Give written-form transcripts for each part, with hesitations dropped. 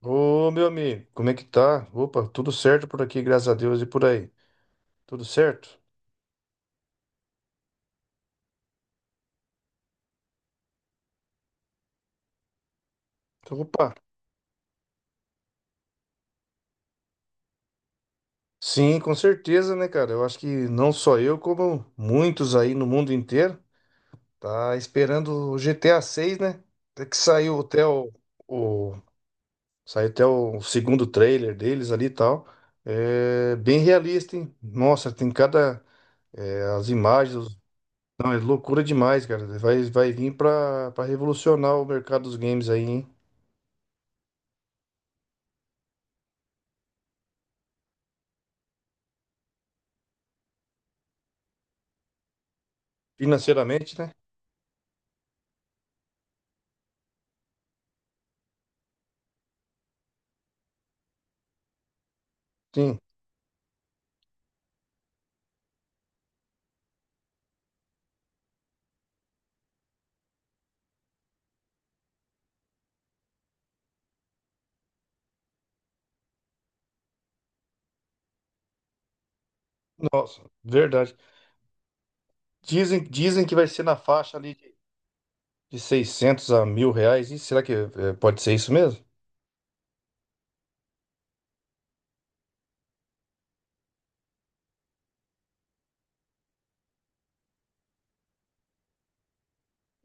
Ô, meu amigo, como é que tá? Opa, tudo certo por aqui, graças a Deus, e por aí? Tudo certo? Então, opa, sim, com certeza, né, cara? Eu acho que não só eu, como muitos aí no mundo inteiro, tá esperando o GTA 6, né? Até que saiu até o, o- saiu até o segundo trailer deles ali e tal. É bem realista, hein? Nossa, tem cada é, as imagens, não, é loucura demais, cara. Vai, vai vir para revolucionar o mercado dos games aí, hein? Financeiramente, né? Sim, nossa, verdade. Dizem que vai ser na faixa ali de 600 a mil reais. E será que pode ser isso mesmo?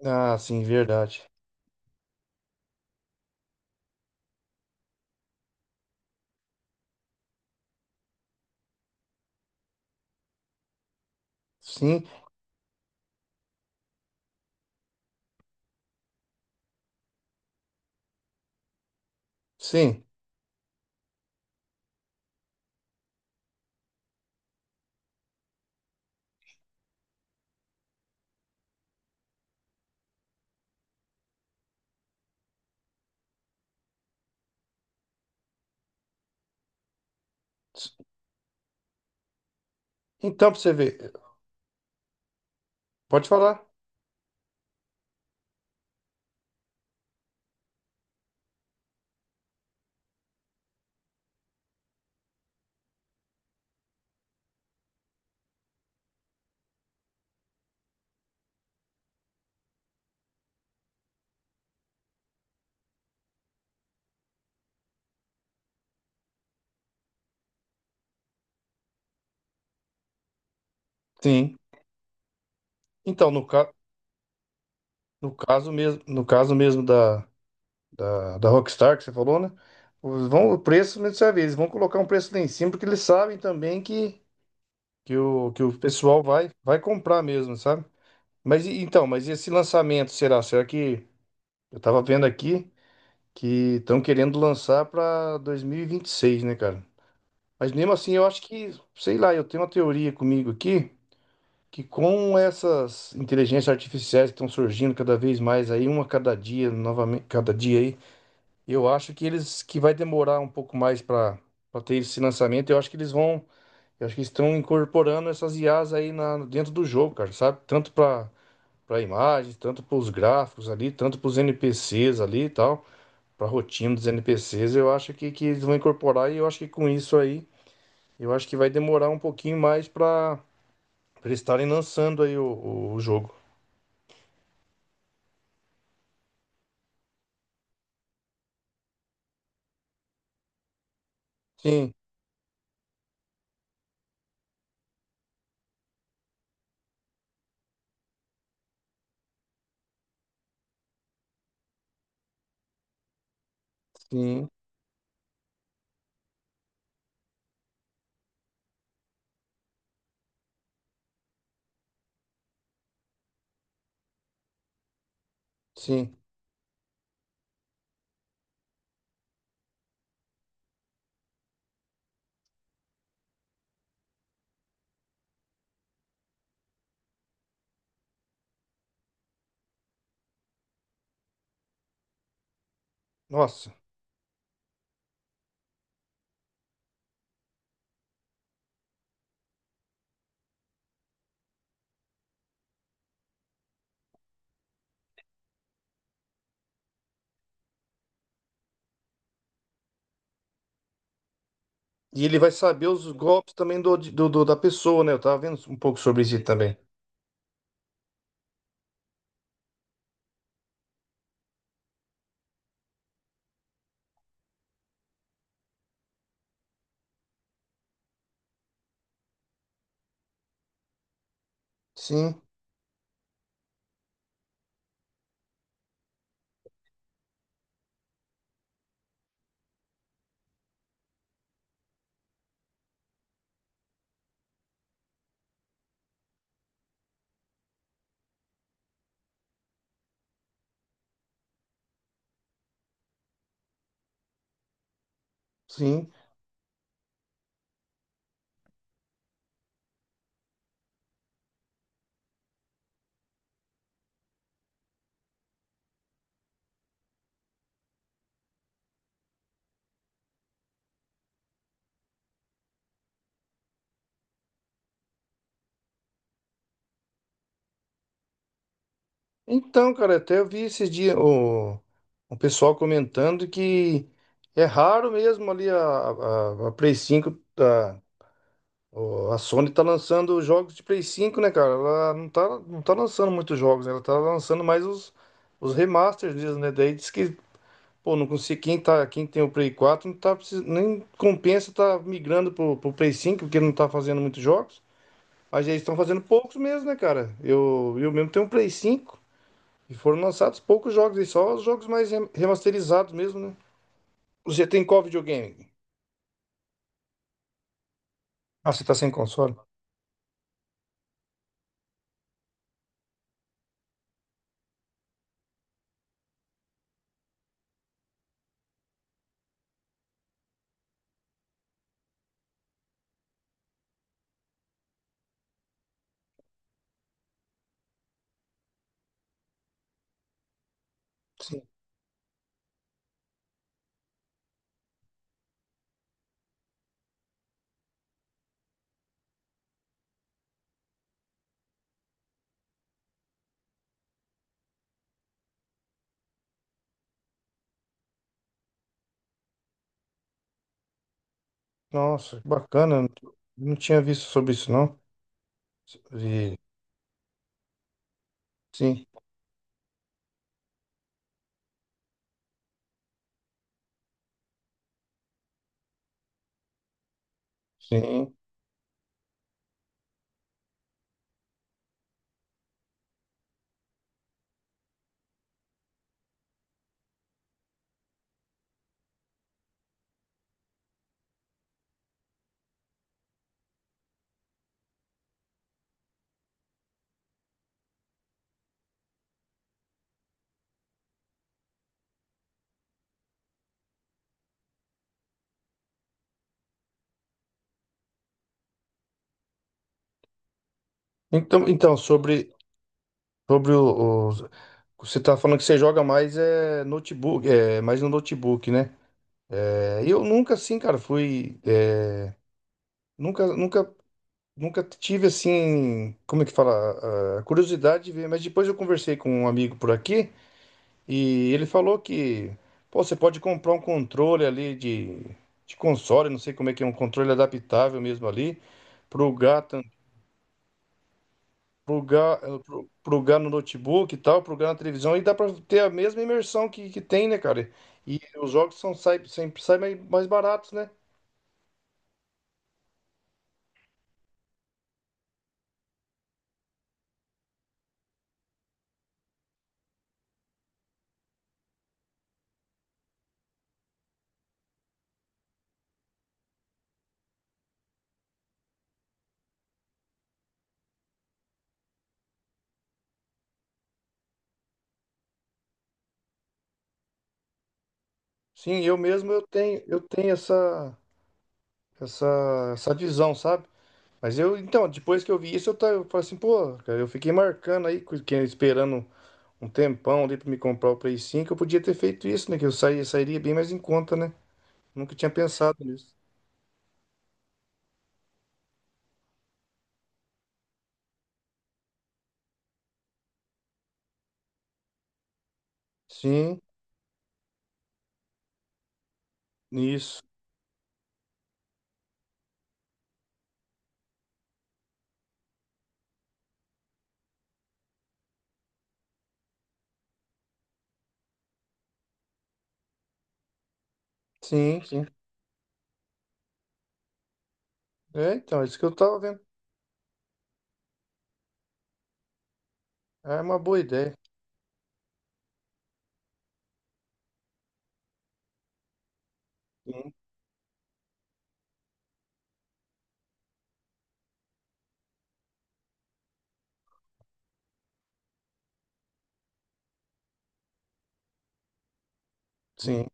Ah, sim, verdade. Sim, sim. Então, pra você ver, pode falar. Sim. Então, no caso mesmo, no caso mesmo da Rockstar que você falou, né? Vão, o preço mesmo você vê, eles vão colocar um preço lá em cima, porque eles sabem também que o pessoal vai, vai comprar mesmo, sabe? Mas então, mas esse lançamento será? Será que eu tava vendo aqui que estão querendo lançar para 2026, né, cara? Mas mesmo assim, eu acho que, sei lá, eu tenho uma teoria comigo aqui que com essas inteligências artificiais que estão surgindo cada vez mais aí, uma cada dia, novamente, cada dia aí, eu acho que eles que vai demorar um pouco mais para ter esse lançamento. Eu acho que eles vão, eu acho que estão incorporando essas IAs aí na, dentro do jogo, cara, sabe? Tanto para a imagem, tanto para os gráficos ali, tanto para os NPCs ali e tal, para a rotina dos NPCs, eu acho que eles vão incorporar e eu acho que com isso aí, eu acho que vai demorar um pouquinho mais para eles estarem lançando aí o jogo. Sim, sim, sim. Nossa. E ele vai saber os golpes também da pessoa, né? Eu tava vendo um pouco sobre isso também. Sim, sim. Então, cara, até eu vi esses dias o pessoal comentando que é raro mesmo ali a Play cinco Sony tá lançando jogos de Play cinco né, cara? Ela não tá, não tá lançando muitos jogos, né? Ela tá lançando mais os remasters mesmo, né? Daí diz que, pô, não consigo, quem tá, quem tem o Play quatro não tá nem compensa tá migrando pro Play cinco porque não tá fazendo muitos jogos. Mas eles estão fazendo poucos mesmo, né, cara? Eu mesmo tenho um Play cinco e foram lançados poucos jogos, e só os jogos mais remasterizados mesmo, né? Você tem qual videogame? Ah, você tá sem console? Sim. Nossa, que bacana. Não tinha visto sobre isso, não. E- Sim, sim. Então, então sobre o, os- você tá falando que você joga mais é notebook, é mais no notebook, né? É, eu nunca, assim, cara, fui. É, nunca, nunca, nunca tive assim. Como é que fala? A curiosidade de ver, mas depois eu conversei com um amigo por aqui. E ele falou que, pô, você pode comprar um controle ali de console, não sei como é que é, um controle adaptável mesmo ali, pro gato, pro ga, eh, pro, pro Gá no notebook e tal, pro Gá na televisão, e dá pra ter a mesma imersão que tem, né, cara? E os jogos são, sai, sempre saem mais, mais baratos, né? Sim, eu mesmo eu tenho essa, essa, essa visão, sabe? Mas eu, então, depois que eu vi isso, eu, tá, eu falei assim, pô, cara, eu fiquei marcando aí, esperando um tempão ali pra me comprar o Play 5, eu podia ter feito isso, né? Que eu sairia bem mais em conta, né? Nunca tinha pensado nisso. Sim, isso. Sim, sim. É, então, é isso que eu tava vendo. É uma boa ideia. Sim, sim,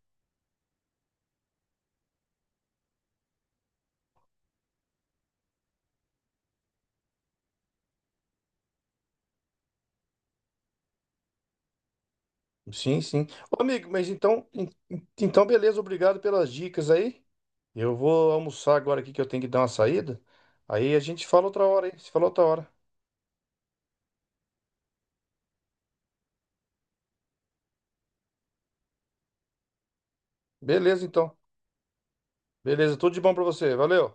sim. Sim. Ô, amigo, mas então, então beleza, obrigado pelas dicas aí. Eu vou almoçar agora aqui que eu tenho que dar uma saída. Aí a gente fala outra hora, hein? Se fala outra hora. Beleza, então. Beleza, tudo de bom pra você. Valeu.